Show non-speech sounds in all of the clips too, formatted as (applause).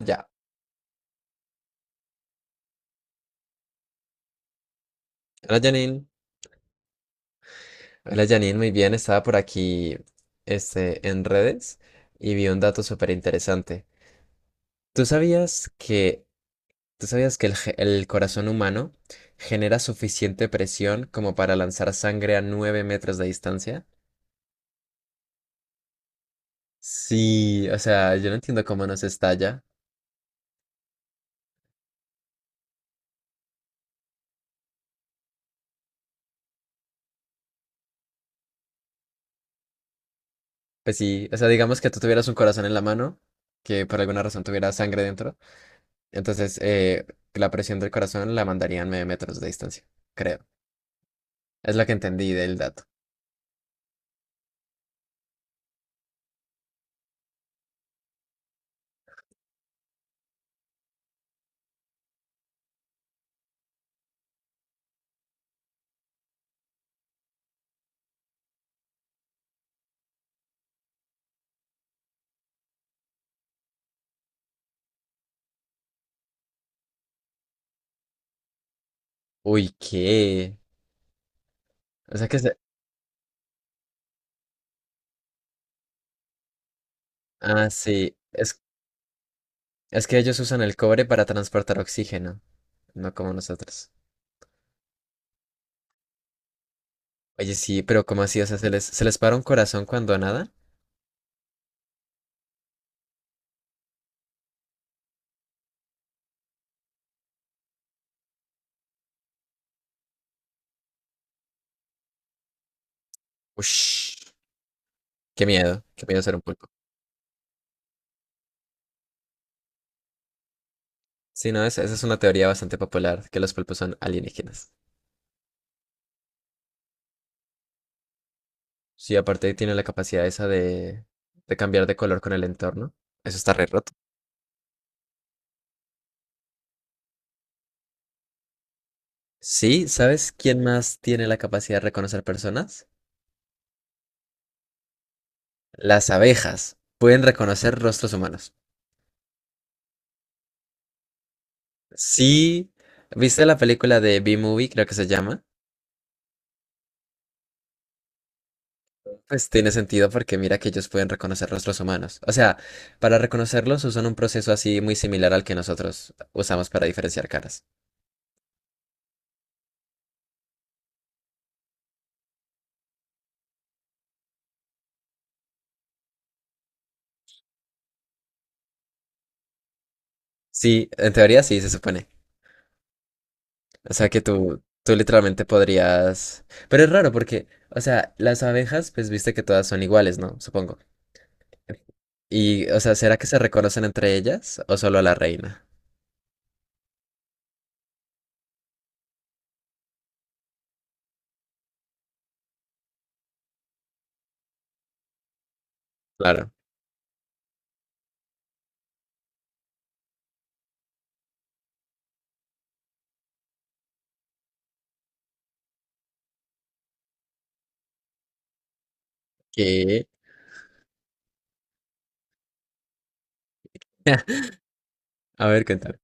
Ya. Hola Janine. Hola Janine, muy bien. Estaba por aquí este, en redes y vi un dato súper interesante. ¿Tú sabías que, tú sabías que el corazón humano genera suficiente presión como para lanzar sangre a 9 metros de distancia? Sí, o sea, yo no entiendo cómo nos estalla. Pues sí, o sea, digamos que tú tuvieras un corazón en la mano que por alguna razón tuviera sangre dentro. Entonces, la presión del corazón la mandarían 9 metros de distancia, creo. Es lo que entendí del dato. Uy, ¿qué? O sea que se... Ah, sí. Es que ellos usan el cobre para transportar oxígeno, no como nosotros. Oye, sí, pero ¿cómo así? O sea, ¿se les para un corazón cuando nadan? Ush, qué miedo ser un pulpo. Sí, no, esa es una teoría bastante popular, que los pulpos son alienígenas. Sí, aparte tienen la capacidad esa de cambiar de color con el entorno. Eso está re roto. Sí, ¿sabes quién más tiene la capacidad de reconocer personas? Las abejas. Pueden reconocer rostros humanos. Sí, ¿viste la película de B-Movie, creo que se llama? Pues tiene sentido porque mira que ellos pueden reconocer rostros humanos. O sea, para reconocerlos usan un proceso así muy similar al que nosotros usamos para diferenciar caras. Sí, en teoría sí, se supone. O sea que tú literalmente podrías... Pero es raro porque, o sea, las abejas, pues viste que todas son iguales, ¿no? Supongo. Y, o sea, ¿será que se reconocen entre ellas o solo a la reina? Claro. ¿Qué? (laughs) A ver, cuéntame.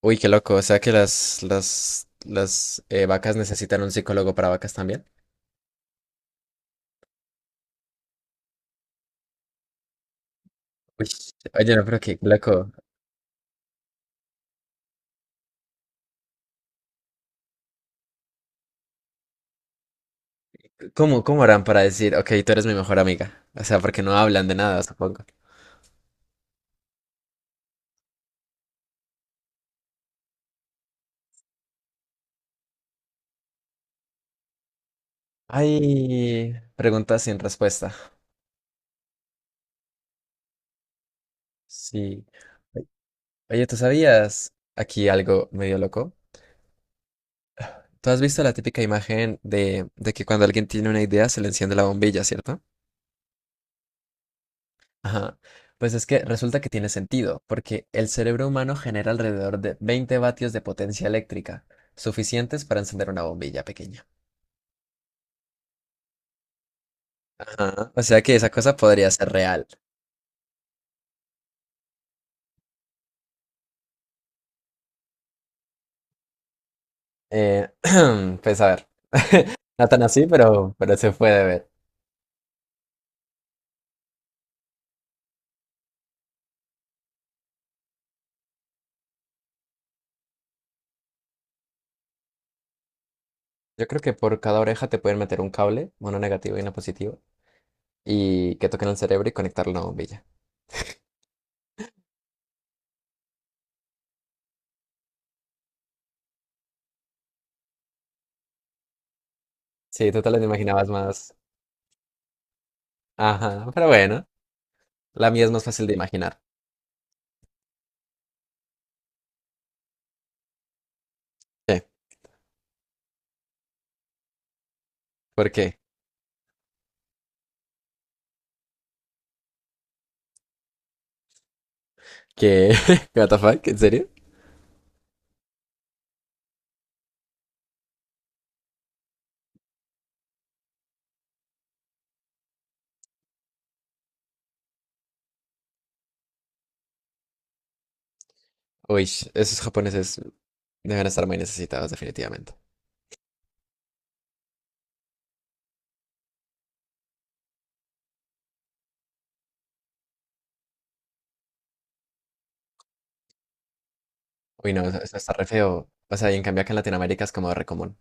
Uy, qué loco. O sea que las vacas necesitan un psicólogo para vacas también. Uy, oye, no, pero qué loco. ¿Cómo harán para decir, ok, tú eres mi mejor amiga? O sea, porque no hablan de nada, supongo. Ay, preguntas sin respuesta. Sí. Oye, ¿tú sabías aquí algo medio loco? ¿Tú has visto la típica imagen de que cuando alguien tiene una idea se le enciende la bombilla, ¿cierto? Ajá. Pues es que resulta que tiene sentido, porque el cerebro humano genera alrededor de 20 vatios de potencia eléctrica, suficientes para encender una bombilla pequeña. Ajá. O sea que esa cosa podría ser real. Eh, (clears throat) pues a ver, no tan así, pero se puede ver. Yo creo que por cada oreja te pueden meter un cable, uno negativo y uno positivo, y que toquen el cerebro y conectarlo a una bombilla. Sí, tú te las imaginabas más. Ajá, pero bueno, la mía es más fácil de imaginar. ¿Qué? ¿Por qué? ¿Qué? (laughs) ¿What the fuck? ¿En serio? Uy, esos japoneses deben estar muy necesitados, definitivamente. Uy, no, eso está re feo. O sea, y en cambio acá en Latinoamérica es como re común.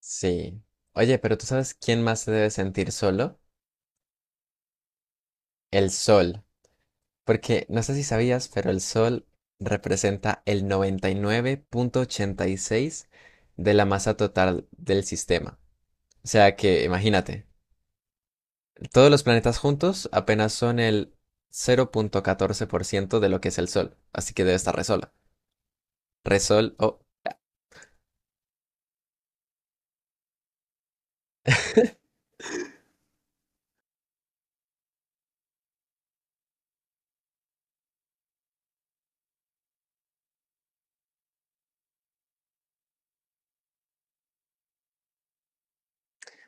Sí. Oye, pero ¿tú sabes quién más se debe sentir solo? El sol. Porque no sé si sabías, pero el sol representa el 99.86 de la masa total del sistema. O sea que, imagínate, todos los planetas juntos apenas son el 0.14% de lo que es el sol. Así que debe estar re sola. Re sol.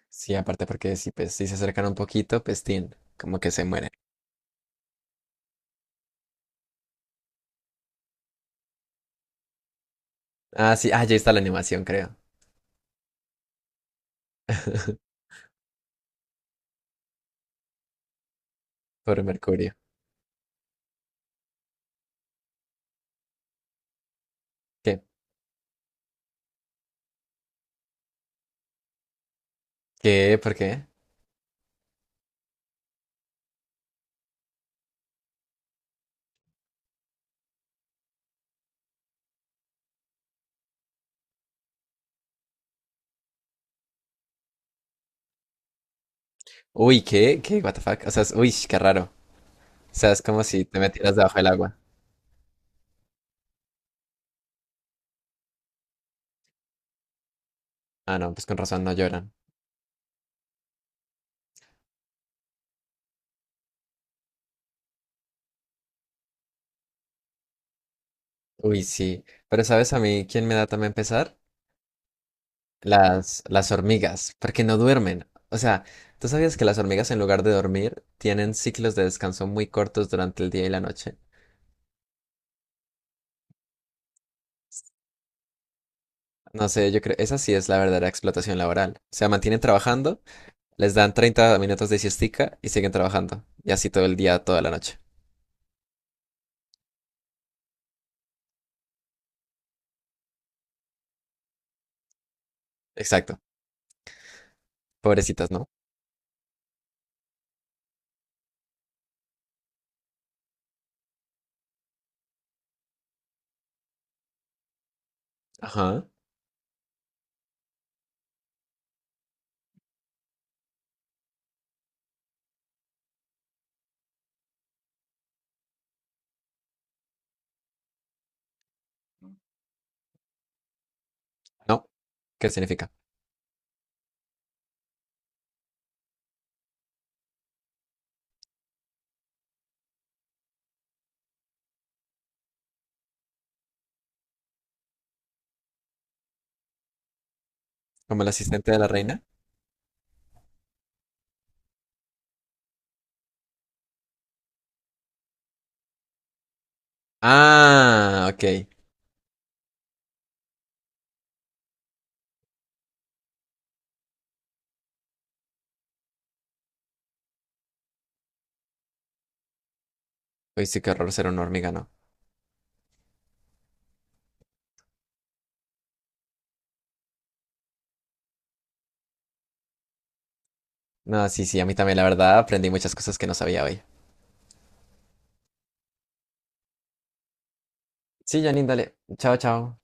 Sí, aparte porque si, pues, si se acercan un poquito, pues tin, como que se mueren. Ah, sí, ah, ya está la animación, creo. (laughs) Por Mercurio. ¿Qué? ¿Qué? ¿Por qué? Uy, ¿qué? ¿Qué? ¿What the fuck? O sea, es- uy, qué raro. O sea, es como si te metieras debajo del agua. Ah, no, pues con razón no lloran. Uy, sí. Pero ¿sabes a mí quién me da también pesar? Las hormigas, porque no duermen. O sea, ¿tú sabías que las hormigas en lugar de dormir tienen ciclos de descanso muy cortos durante el día y la noche? No sé, yo creo, esa sí es la verdadera explotación laboral. O sea, mantienen trabajando, les dan 30 minutos de siestica y siguen trabajando. Y así todo el día, toda la noche. Exacto. Pobrecitas, ¿no? Ajá. No. ¿Qué significa? ¿Como el asistente de la reina? Ah, ok. Uy, sí, qué horror ser un hormiga, ¿no? No, sí, sí, a mí también, la verdad, aprendí muchas cosas que no sabía hoy. Sí, Janine, dale. Chao, chao.